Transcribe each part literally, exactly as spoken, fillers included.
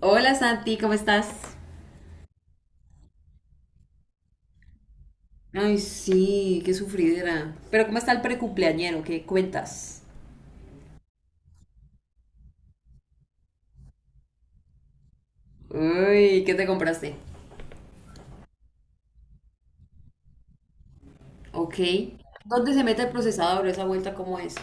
Hola Santi, ¿cómo estás? Ay, sí, qué sufridera. Pero ¿cómo está el precumpleañero? ¿Qué cuentas? Uy, ¿qué te compraste? Ok. ¿Dónde se mete el procesador? ¿Esa vuelta cómo es?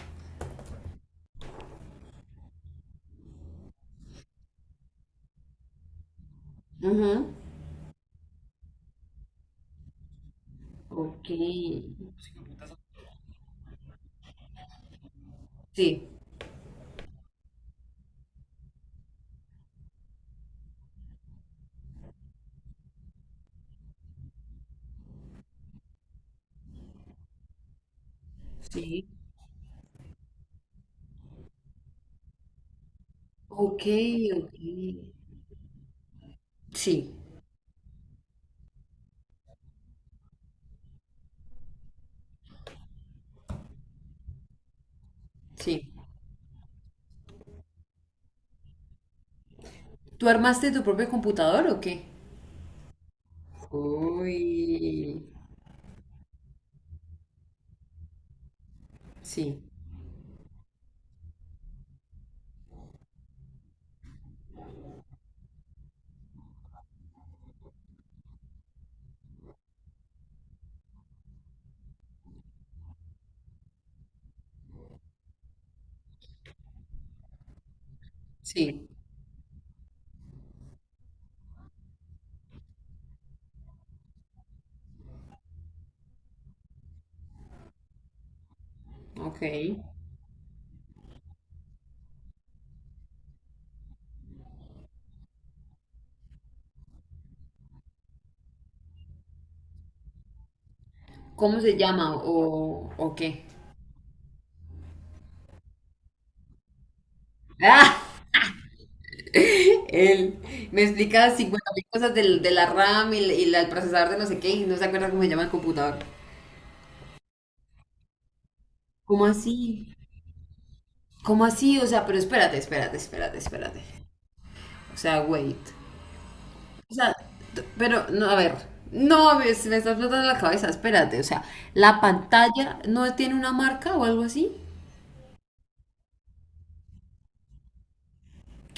Ujú. Ok. Sí, sí. Ok, ok. Sí, sí. ¿Tú armaste tu propio computador o qué? Uy, sí, sí. Ok. ¿Cómo se llama o, o qué? Él me explicaba cincuenta mil cosas del, de la RAM y, la- y la- el procesador de no sé qué y no se acuerda cómo se llama el computador. ¿Cómo así? ¿Cómo así? O sea, pero espérate, espérate, espérate, espérate. O sea, wait. O sea, t- pero no, a ver. No, me, se me está explotando la cabeza, espérate. O sea, ¿la pantalla no tiene una marca o algo así?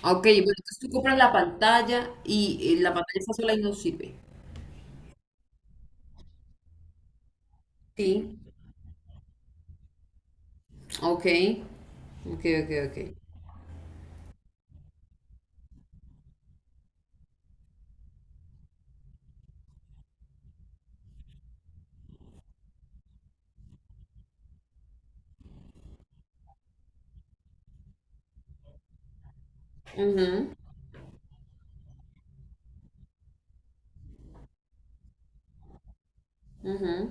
Ok, bueno, entonces tú compras la pantalla y, y la pantalla está sola y no sirve. Sí. Ok. Ok, ok, ok. Ujú, ujú.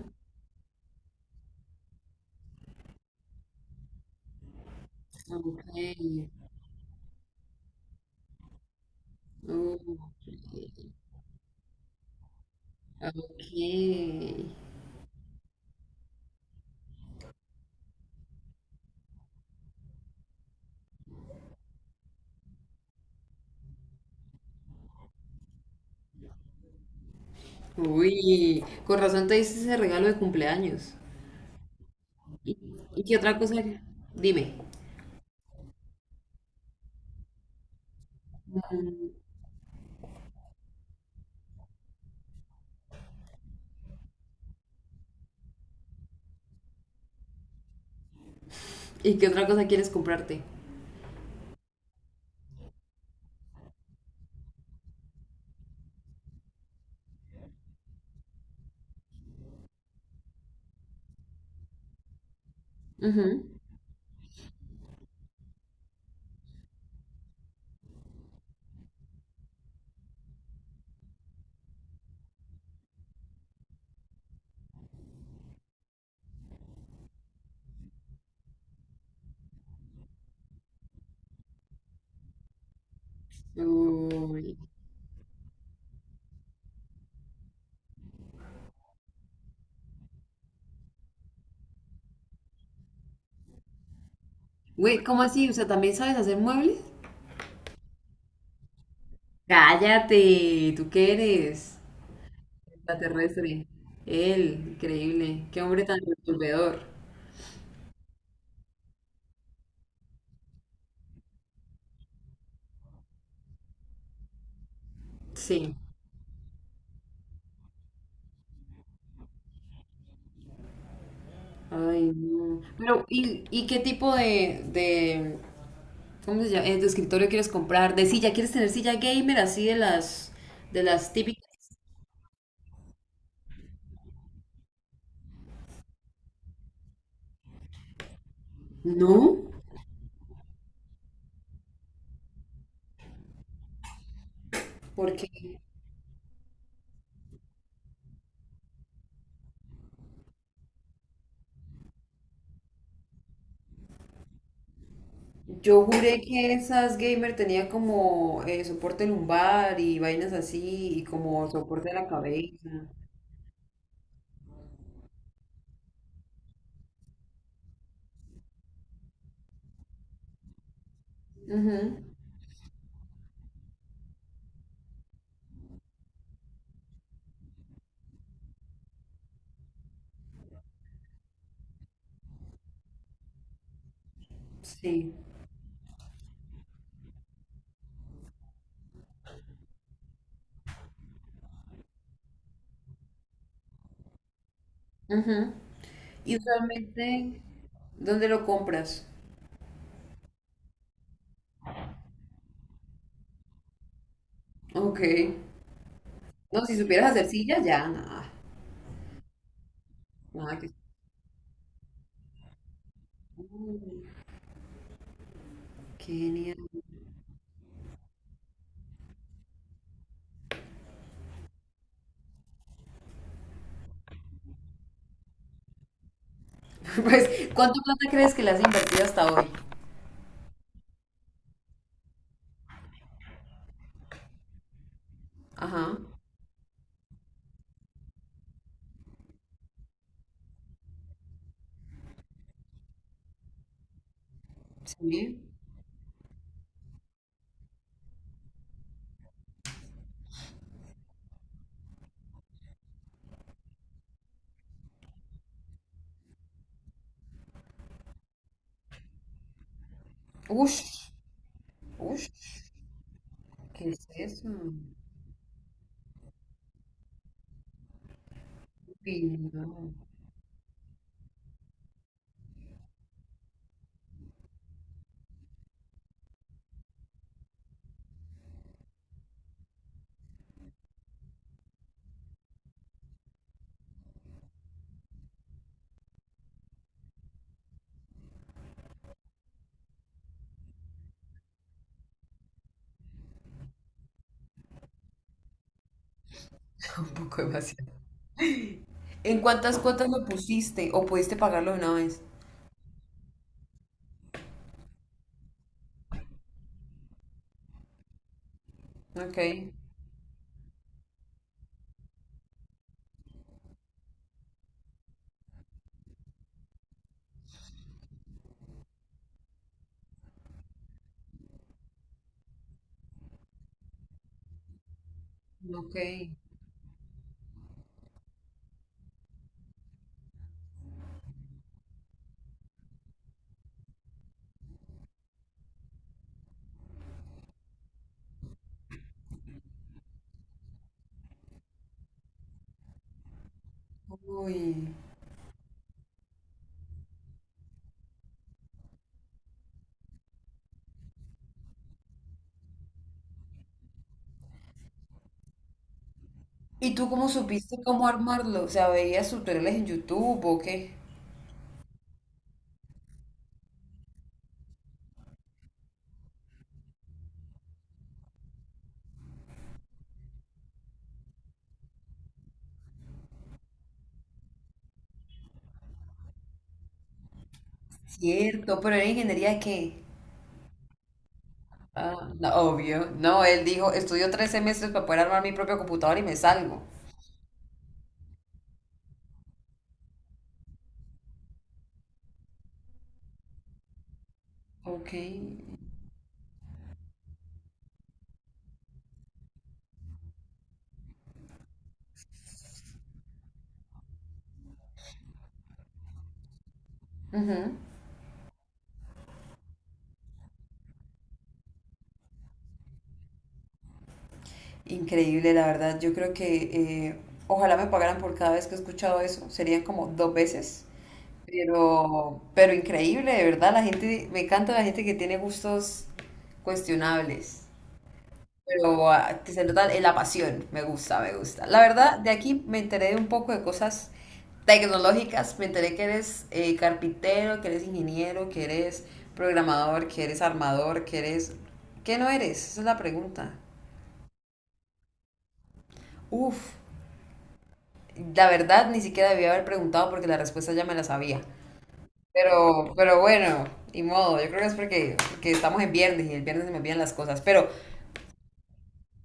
Okay, uh, ok. Uy, con razón te hice ese regalo de cumpleaños. ¿Y, y qué otra cosa? Dime, ¿y qué otra cosa quieres comprarte? Ujú. Uy. Güey, ¿cómo así? O sea, ¿también sabes hacer muebles? Cállate, ¿tú qué eres? Extraterrestre. Él, increíble. Qué hombre tan resolvedor. Sí. Ay, no. Pero, ¿y, y qué tipo de, de ¿Cómo se llama? Eh, de escritorio quieres comprar, de silla, ¿quieres tener silla gamer así de las de las típicas? No, porque yo juré que esas gamer tenían como eh, soporte lumbar y vainas así y como soporte de la cabeza. Ujú, Sí. Ujú. Y usualmente, ¿dónde lo compras? Ok. No, si supieras hacer silla, ya, nada. Nada que... Genial. Pues, ¿cuánto plata crees que le has invertido hasta hoy? Ajá. Sí. Ush, ush, ¿qué es eso? Uy, no, un demasiado. ¿En cuántas cuotas lo pusiste o pudiste pagarlo de una vez? Ok, ok. Uy. ¿Y tú cómo supiste cómo armarlo? O sea, ¿veías tutoriales en YouTube o qué? Cierto, pero ¿era ingeniería de qué? Ah, no, obvio. No, él dijo, estudio tres semestres para poder armar mi propio computador y me salgo. Ok. Ujú. Increíble, la verdad. Yo creo que eh, ojalá me pagaran por cada vez que he escuchado eso. Serían como dos veces. Pero, pero increíble, de verdad. La gente, me encanta la gente que tiene gustos cuestionables. Pero ah, que se nota en la pasión. Me gusta, me gusta. La verdad, de aquí me enteré de un poco de cosas tecnológicas. Me enteré que eres eh, carpintero, que eres ingeniero, que eres programador, que eres armador, que eres... ¿Qué no eres? Esa es la pregunta. Uf. La verdad, ni siquiera debía haber preguntado porque la respuesta ya me la sabía. Pero, pero bueno, y modo. Yo creo que es porque, porque estamos en viernes y el viernes se me olvidan las cosas. Pero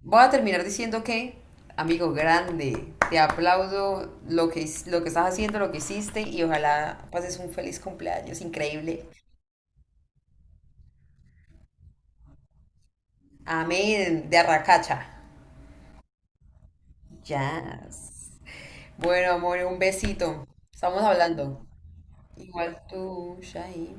voy a terminar diciendo que, amigo grande, te aplaudo lo que, his- lo que estás haciendo, lo que hiciste y ojalá pases un feliz cumpleaños increíble. Amén, de Arracacha. Yes. Bueno, amor, un besito. Estamos hablando. Igual tú, Shahid.